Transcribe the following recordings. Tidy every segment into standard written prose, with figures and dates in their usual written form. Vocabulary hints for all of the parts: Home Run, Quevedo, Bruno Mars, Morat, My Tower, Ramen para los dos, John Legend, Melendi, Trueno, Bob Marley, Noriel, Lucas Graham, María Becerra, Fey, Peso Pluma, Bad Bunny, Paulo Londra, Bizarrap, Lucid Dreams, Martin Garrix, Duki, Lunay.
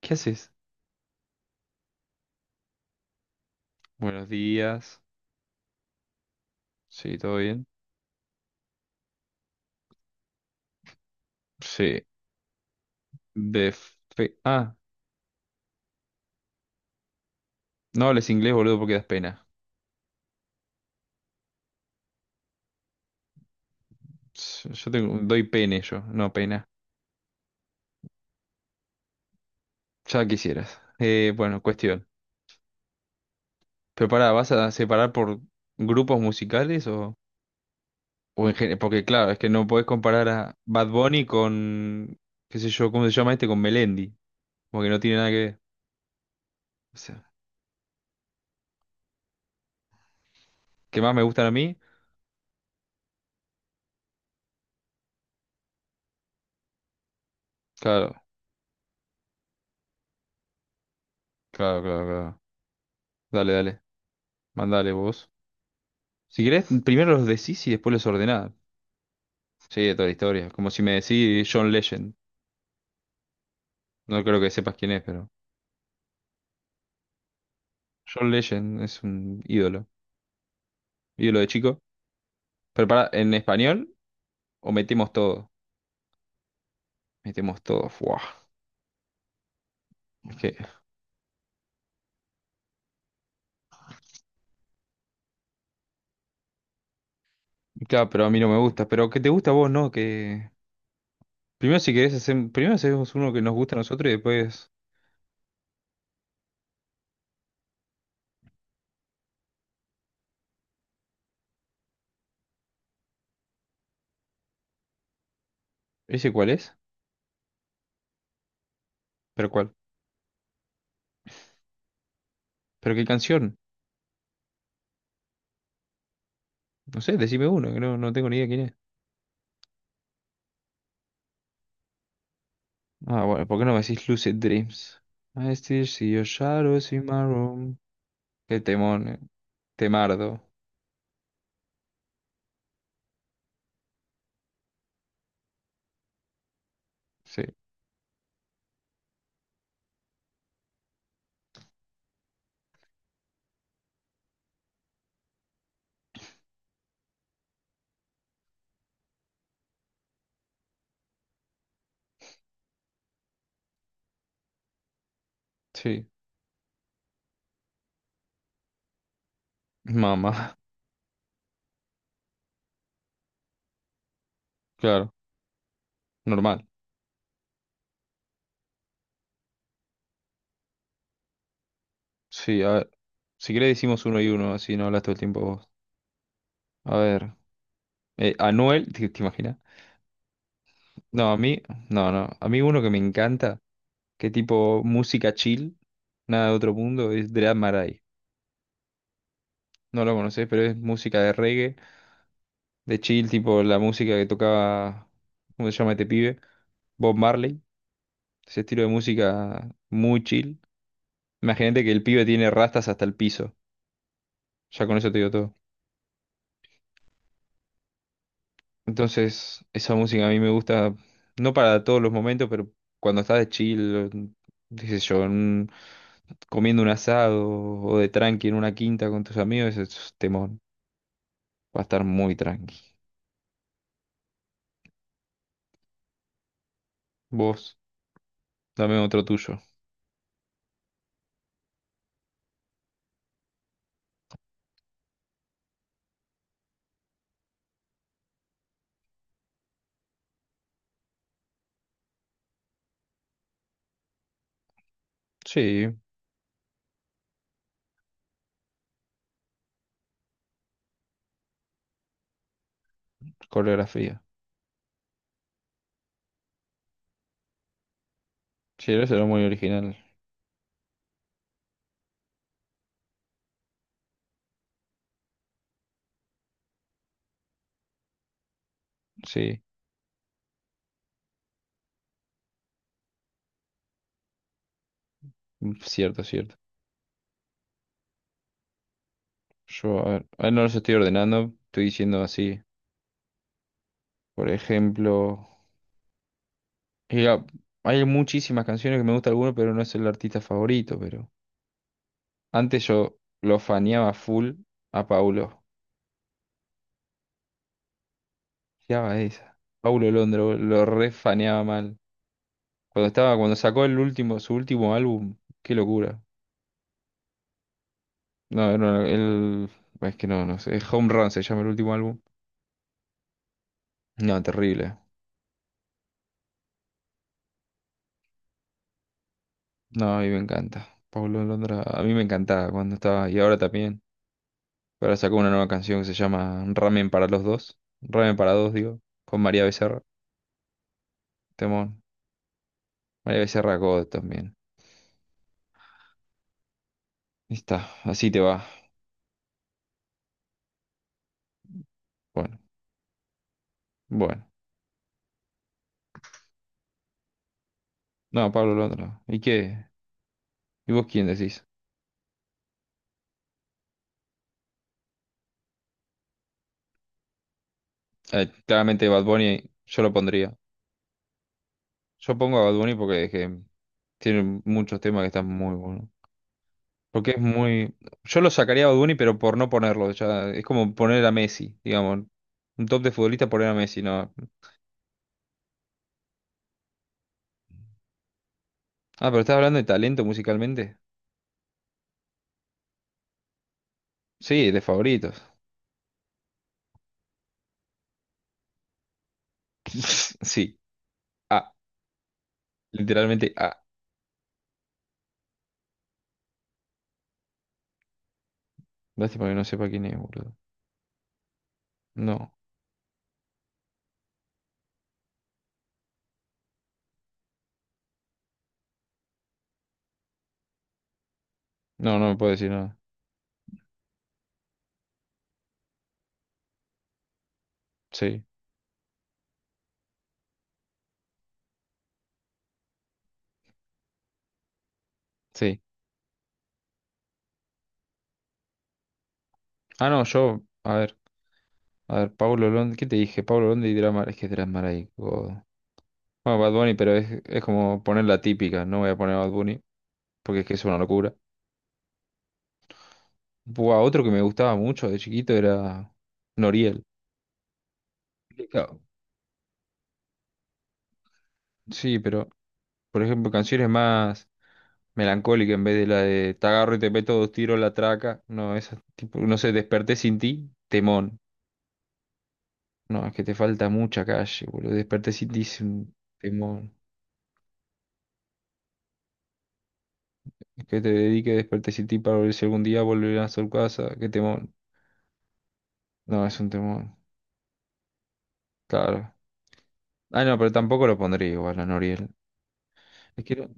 ¿Qué haces? Buenos días. Sí, ¿todo bien? Sí. De Ah, no hables inglés, boludo, porque das pena. Doy pene yo, no pena. Ya quisieras. Bueno, cuestión. Pero pará, ¿vas a separar por grupos musicales o en general? Porque claro, es que no podés comparar a Bad Bunny con, qué sé yo, ¿cómo se llama este? Con Melendi. Porque no tiene nada que ver. O sea, ¿qué más me gustan a mí? Claro, claro, claro, claro. Dale, dale. Mandale vos. Si querés, primero los decís y después los ordenás. Sí, de toda la historia. Como si me decís John Legend. No creo que sepas quién es, pero John Legend es un ídolo. Ídolo de chico. Pero pará, ¿en español o metemos todo? Metemos todo. Fuah. Es que... Claro, pero a mí no me gusta. Pero que te gusta a vos, ¿no? Que... Primero si querés hacer... Primero hacemos uno que nos gusta a nosotros y después... ¿Ese cuál es? ¿Pero cuál? ¿Pero qué canción? No sé, decime uno, que no, no tengo ni idea quién es. Ah, bueno, ¿por qué no me decís Lucid Dreams? I still see your shadows in my room. Qué temón, eh. Temardo. Sí, sí. Mamá, claro, normal. Sí, a ver. Si querés decimos uno y uno, así no hablas todo el tiempo vos. A ver. Anuel, ¿te, te imaginas? No, a mí, no, no. A mí uno que me encanta, que tipo música chill, nada de otro mundo, es Dread Marai. No lo conocés, pero es música de reggae, de chill, tipo la música que tocaba, ¿cómo se llama este pibe? Bob Marley. Ese estilo de música muy chill. Imagínate que el pibe tiene rastas hasta el piso. Ya con eso te digo todo. Entonces, esa música a mí me gusta, no para todos los momentos, pero cuando estás de chill, o, qué sé yo, comiendo un asado o de tranqui en una quinta con tus amigos, ese es temón. Va a estar muy tranqui. Vos, dame otro tuyo. Sí, coreografía. Sí, eso era muy original. Sí, cierto, cierto. Yo, a ver, ahora no los estoy ordenando, estoy diciendo así. Por ejemplo. Y hay muchísimas canciones que me gusta alguno, pero no es el artista favorito, pero antes yo lo faneaba full a Paulo. Fiaba esa. Paulo Londra, lo refaneaba mal. Cuando estaba, cuando sacó el último, su último álbum, qué locura. No, era el, es que no, no sé, Home Run se llama el último álbum. No, terrible. No, a mí me encanta. Paulo Londra, a mí me encantaba cuando estaba, y ahora también. Ahora sacó una nueva canción que se llama Ramen para los dos. Ramen para dos, digo, con María Becerra. Temón. María Becerra God también. Ahí está, así te va. Bueno, bueno. No, Pablo Londra. No. ¿Y qué? ¿Y vos quién decís? Claramente Bad Bunny, yo lo pondría. Yo pongo a Bad Bunny porque es que tiene muchos temas que están muy buenos. Porque es muy... Yo lo sacaría a Bad Bunny, pero por no ponerlo. Ya, es como poner a Messi, digamos. Un top de futbolista poner a Messi, no. Ah, pero estás hablando de talento musicalmente. Sí, de favoritos. Sí. Ah, literalmente ah. Lástima que no sepa quién es, boludo. No. No, no me puedo decir nada. Sí, sí. Ah, no, yo, a ver, Paulo Londra, ¿qué te dije? Paulo Londra y Dramar, es que es Dramar. Bueno, Bad Bunny, pero es como poner la típica, no voy a poner Bad Bunny, porque es que es una locura. Buah, otro que me gustaba mucho de chiquito era Noriel. Claro. Sí, pero, por ejemplo, canciones más melancólicas en vez de la de Te agarro y te meto dos tiros la traca. No, esa tipo, no sé, Desperté sin ti, temón. No, es que te falta mucha calle, boludo. Desperté sin ti es un temón. Que te dedique, despertes y ti para ver si algún día volverán a su casa. Qué temor. No, es un temor. Claro. Ah, no, pero tampoco lo pondría igual a Noriel. Es que, no-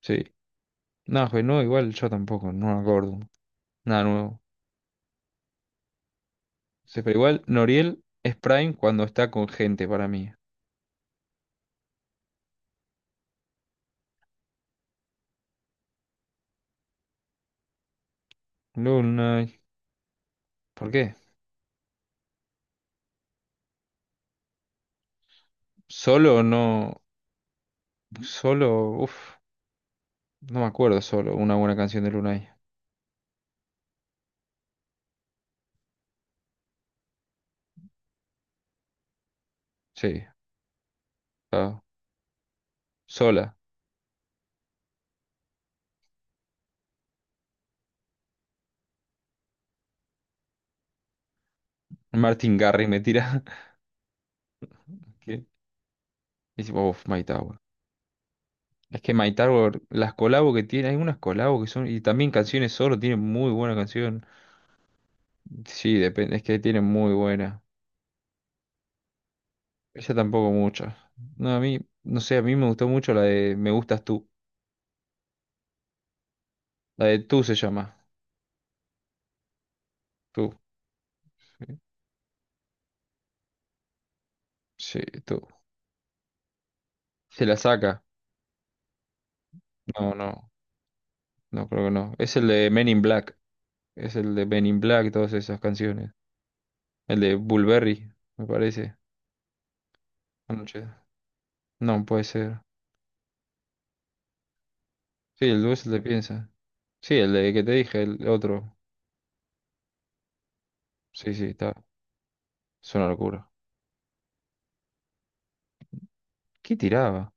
Sí. No, pues no, igual yo tampoco, no me acuerdo. Nada nuevo. Sí, pero igual Noriel es Prime cuando está con gente para mí. Luna. ¿Por qué? Solo no. Solo. Uf. No me acuerdo solo. Una buena canción de Lunay. Sí, claro. Sola. Martin Garrix me tira. ¿Qué? Y dice, uff, My Tower. Es que My Tower, las colabos que tiene, hay unas colabos que son, y también canciones solo, tiene muy buena canción. Sí, depende, es que tiene muy buena. Ella tampoco muchas. No, a mí, no sé, a mí me gustó mucho la de Me gustas tú. La de tú se llama. Tú. Sí, sí, tú. Se la saca. No, no, no creo que no. Es el de Men in Black. Es el de Men in Black, todas esas canciones. El de Bulberry, me parece. Anoche. No, puede ser. Sí, el dulce el de piensa. Sí, el de que te dije, el otro. Sí, sí, está. Es una locura. ¿Qué tiraba?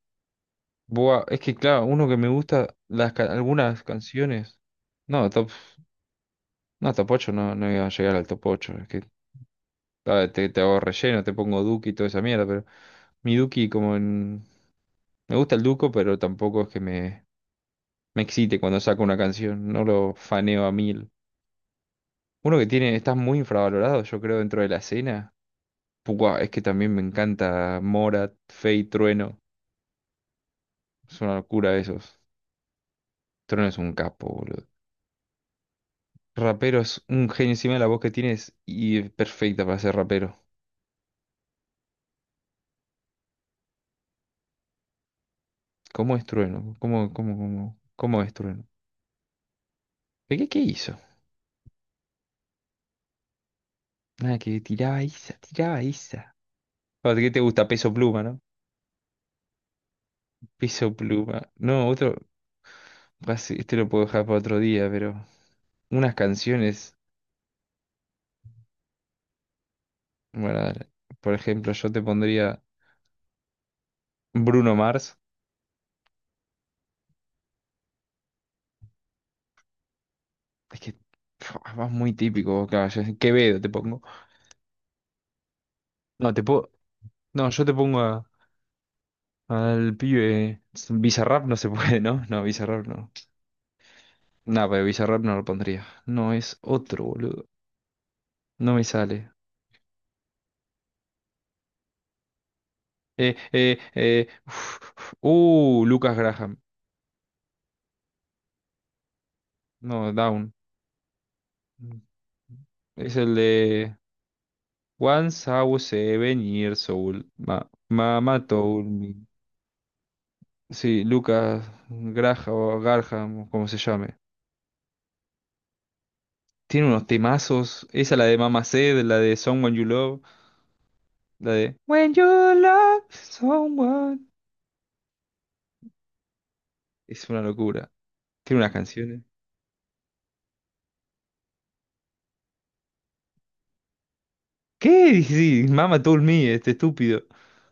Buah, es que claro, uno que me gusta, las ca- algunas canciones. No, top. No, top 8 no, no iba a llegar al top ocho. Es que te hago relleno, te pongo Duki y toda esa mierda, pero mi Duki como en. Me gusta el Duco, pero tampoco es que me excite cuando saco una canción. No lo faneo a mil. Uno que tiene, está muy infravalorado, yo creo, dentro de la escena. Buah, es que también me encanta Morat, Fey, Trueno. Es una locura esos. Trueno es un capo, boludo. Rapero es un genio encima de la voz que tienes y es perfecta para ser rapero. ¿Cómo es Trueno? ¿Cómo es Trueno? ¿Qué hizo? Nada, que tiraba esa, tiraba esa. Ah, ¿qué te gusta? Peso Pluma, ¿no? Peso Pluma. No, otro. Así, este lo puedo dejar para otro día, pero. Unas canciones. Bueno, dale. Por ejemplo, yo te pondría Bruno Mars. Es que. Vas muy típico, vos, claro. Quevedo te pongo. No, te puedo. No, yo te pongo a Al pibe. Bizarrap no se puede, ¿no? No, Bizarrap no. No, pero Bizarrap no lo pondría. No, es otro, boludo. No me sale. Eh. uf, uf. Lucas Graham. No, Down. Es el de Once I was seven years old. Ma Mama told me. Sí, Lucas Graham, o Garham, o como se llame. Tiene unos temazos. Esa la de Mama Said, la de Someone You Love, la de When You Love Someone. Es una locura. Tiene unas canciones. ¿Qué? Sí, Mama told me, este estúpido.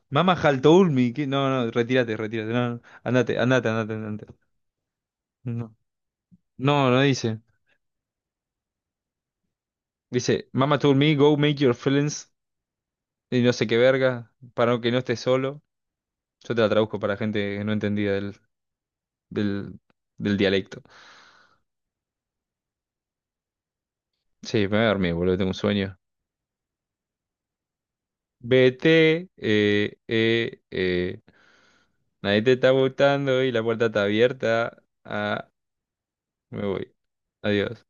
Mama had told me. No, no, retírate, retírate. No, no. Andate, andate, andate, andate. No. No, no dice. Dice, Mama told me, go make your friends. Y no sé qué verga. Para no, que no estés solo. Yo te la traduzco para gente que no entendía del, del dialecto. Sí, me voy a dormir, boludo, tengo un sueño. Vete. Nadie te está gustando y la puerta está abierta. Ah, me voy. Adiós.